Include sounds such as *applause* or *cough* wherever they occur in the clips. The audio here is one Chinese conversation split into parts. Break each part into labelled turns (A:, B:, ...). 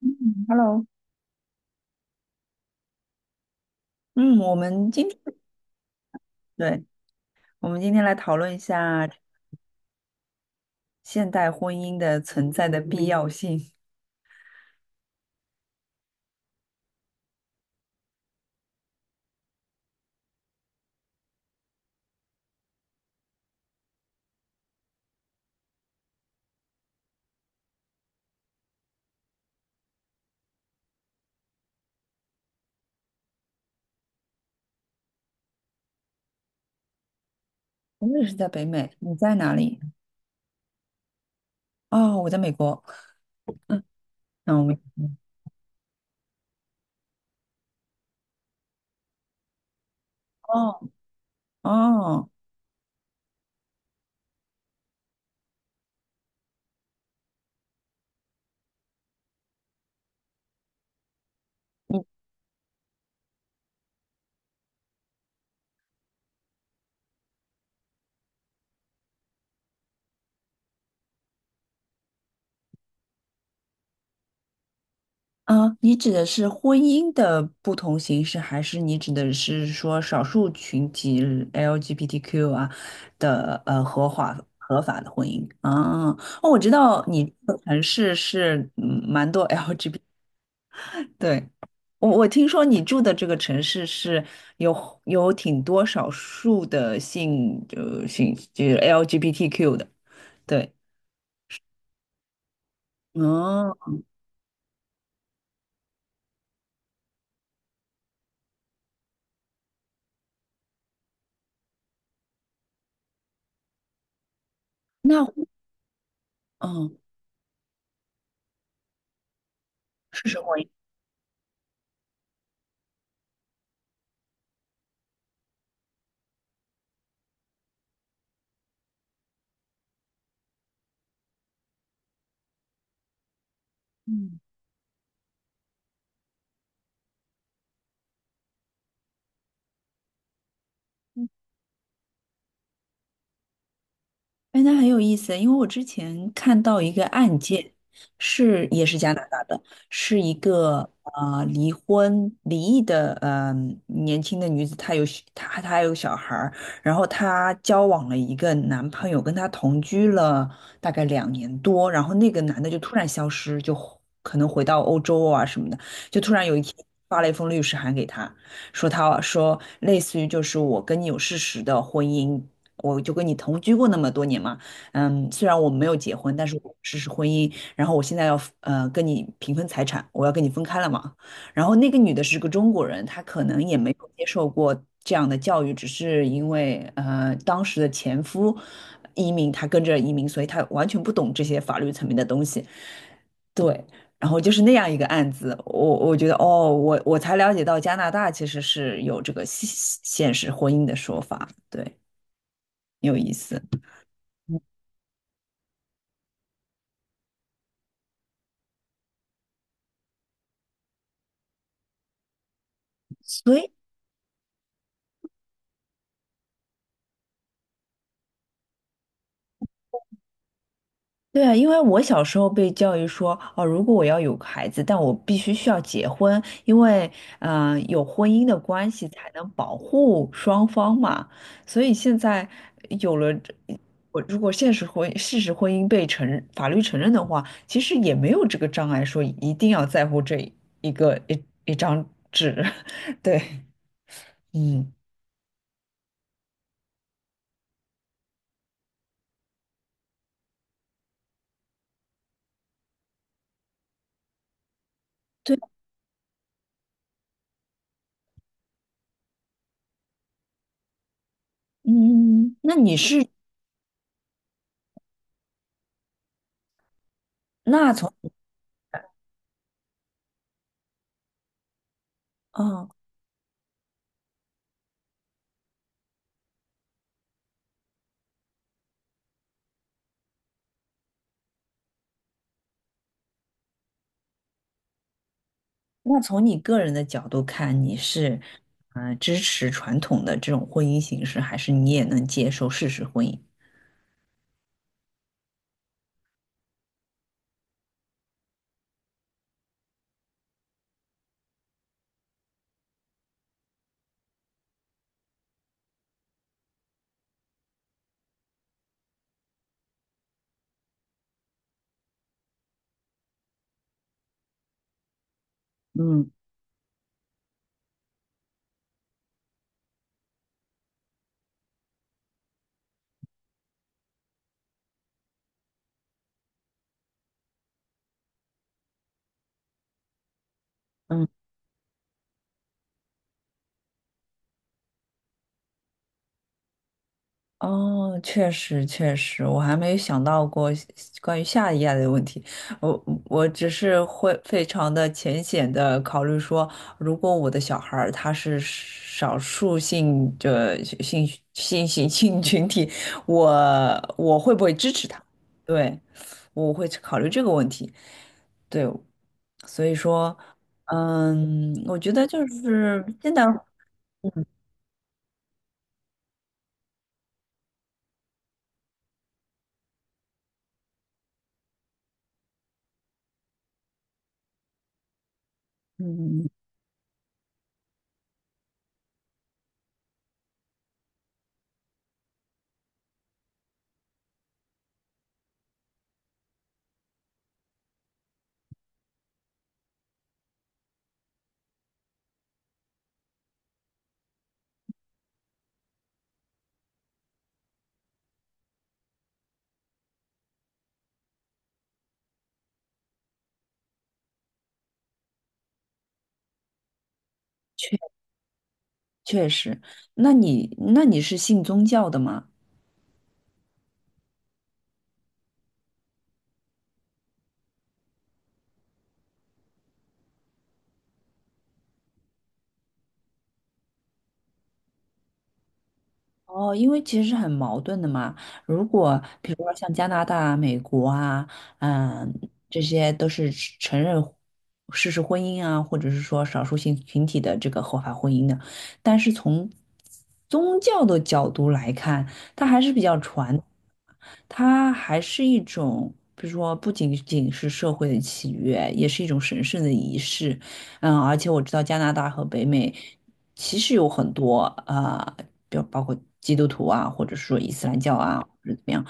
A: 嗯，Hello，嗯，我们今天，对，我们今天来讨论一下现代婚姻的存在的必要性。我也是在北美，你在哪里？哦，我在美国。那我们，哦哦，你你指的是婚姻的不同形式，还是你指的是说少数群体 LGBTQ 啊的合法的婚姻？啊，哦，我知道你的城市是蛮多 *laughs* LGBT。对，我听说你住的这个城市是有挺多少数的性就是 LGBTQ 的，对，哦，那嗯是什么？嗯。哎，那很有意思，因为我之前看到一个案件，是也是加拿大的，是一个离婚离异的年轻的女子，她还有小孩儿，然后她交往了一个男朋友，跟她同居了大概2年多，然后那个男的就突然消失，就可能回到欧洲啊什么的，就突然有一天发了一封律师函给她，说她说类似于就是我跟你有事实的婚姻。我就跟你同居过那么多年嘛，虽然我没有结婚，但是我实施婚姻，然后我现在要跟你平分财产，我要跟你分开了嘛。然后那个女的是个中国人，她可能也没有接受过这样的教育，只是因为当时的前夫移民，她跟着移民，所以她完全不懂这些法律层面的东西。对，然后就是那样一个案子，我觉得哦，我才了解到加拿大其实是有这个现实婚姻的说法，对，有意思。所以，对啊，因为我小时候被教育说，哦，如果我要有个孩子，但我必须需要结婚，因为，有婚姻的关系才能保护双方嘛。所以现在有了这，我如果现实婚事实婚姻被承认法律承认的话，其实也没有这个障碍，说一定要在乎这一个一一张纸。*laughs* 对，嗯，对，嗯，那你是那从。嗯。那从你个人的角度看，你是支持传统的这种婚姻形式，还是你也能接受事实婚姻？嗯。嗯。哦，确实确实，我还没有想到过关于下一页的问题。我我只是会非常的浅显的考虑说，如果我的小孩儿他是少数性的性性性性群体，我我会不会支持他？对，我会考虑这个问题。对，所以说，我觉得就是现在，嗯。确实，那你是信宗教的吗？哦，因为其实很矛盾的嘛。如果比如说像加拿大、美国啊，嗯，这些都是承认事实婚姻啊，或者是说少数性群体的这个合法婚姻的，但是从宗教的角度来看，比较传。它还是一种，比如说不仅仅是社会的契约，也是一种神圣的仪式。嗯，而且我知道加拿大和北美其实有很多啊，比如包括基督徒啊，或者说伊斯兰教啊，或者怎么样。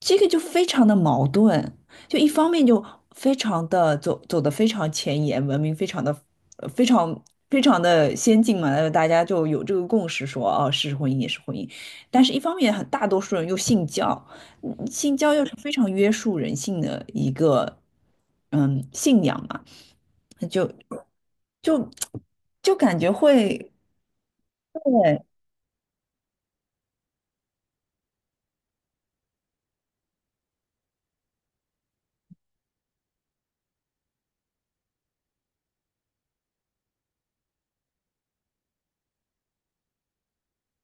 A: 这个就非常的矛盾，就一方面就非常的走的非常前沿，文明非常非常的先进嘛，大家就有这个共识说，哦，是婚姻也是婚姻，但是一方面很大多数人又信教，信教又是非常约束人性的一个信仰嘛，那就就感觉会对，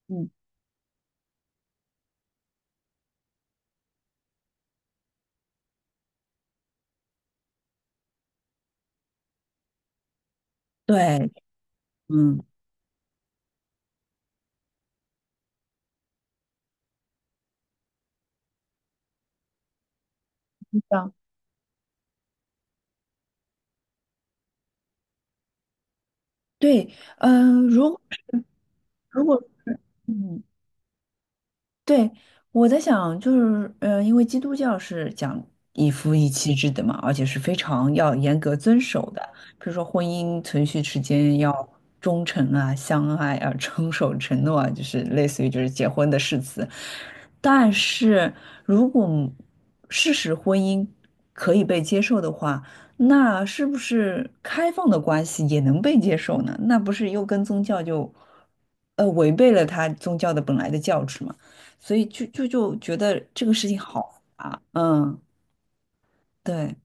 A: 嗯，对，嗯，是这样，对，嗯、如如果嗯。对，我在想，就是，因为基督教是讲一夫一妻制的嘛，而且是非常要严格遵守的，比如说婚姻存续期间要忠诚啊、相爱啊、遵守承诺啊，就是类似于就是结婚的誓词。但是如果事实婚姻可以被接受的话，那是不是开放的关系也能被接受呢？那不是又跟宗教就，违背了他宗教的本来的教旨吗？所以就觉得这个事情好复杂。嗯，对，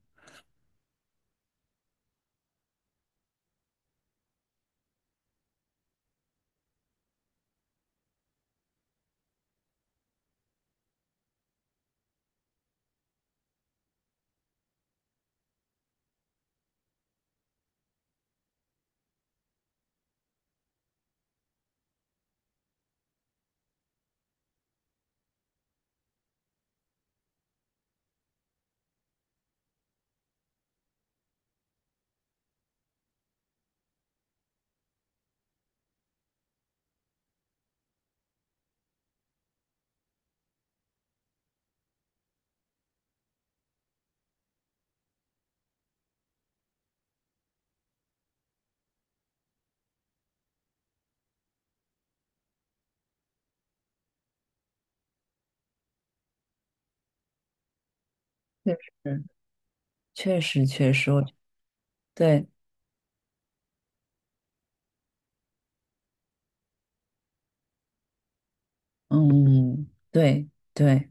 A: 确实，确实，确实，对，嗯，对，对，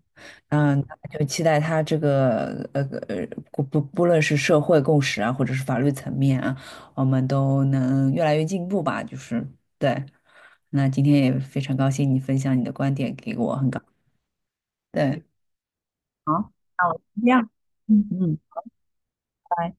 A: 嗯，就期待他这个呃，不论是社会共识啊，或者是法律层面啊，我们都能越来越进步吧。就是对，那今天也非常高兴你分享你的观点给我，对，好，那我们就这样，嗯嗯。拜拜。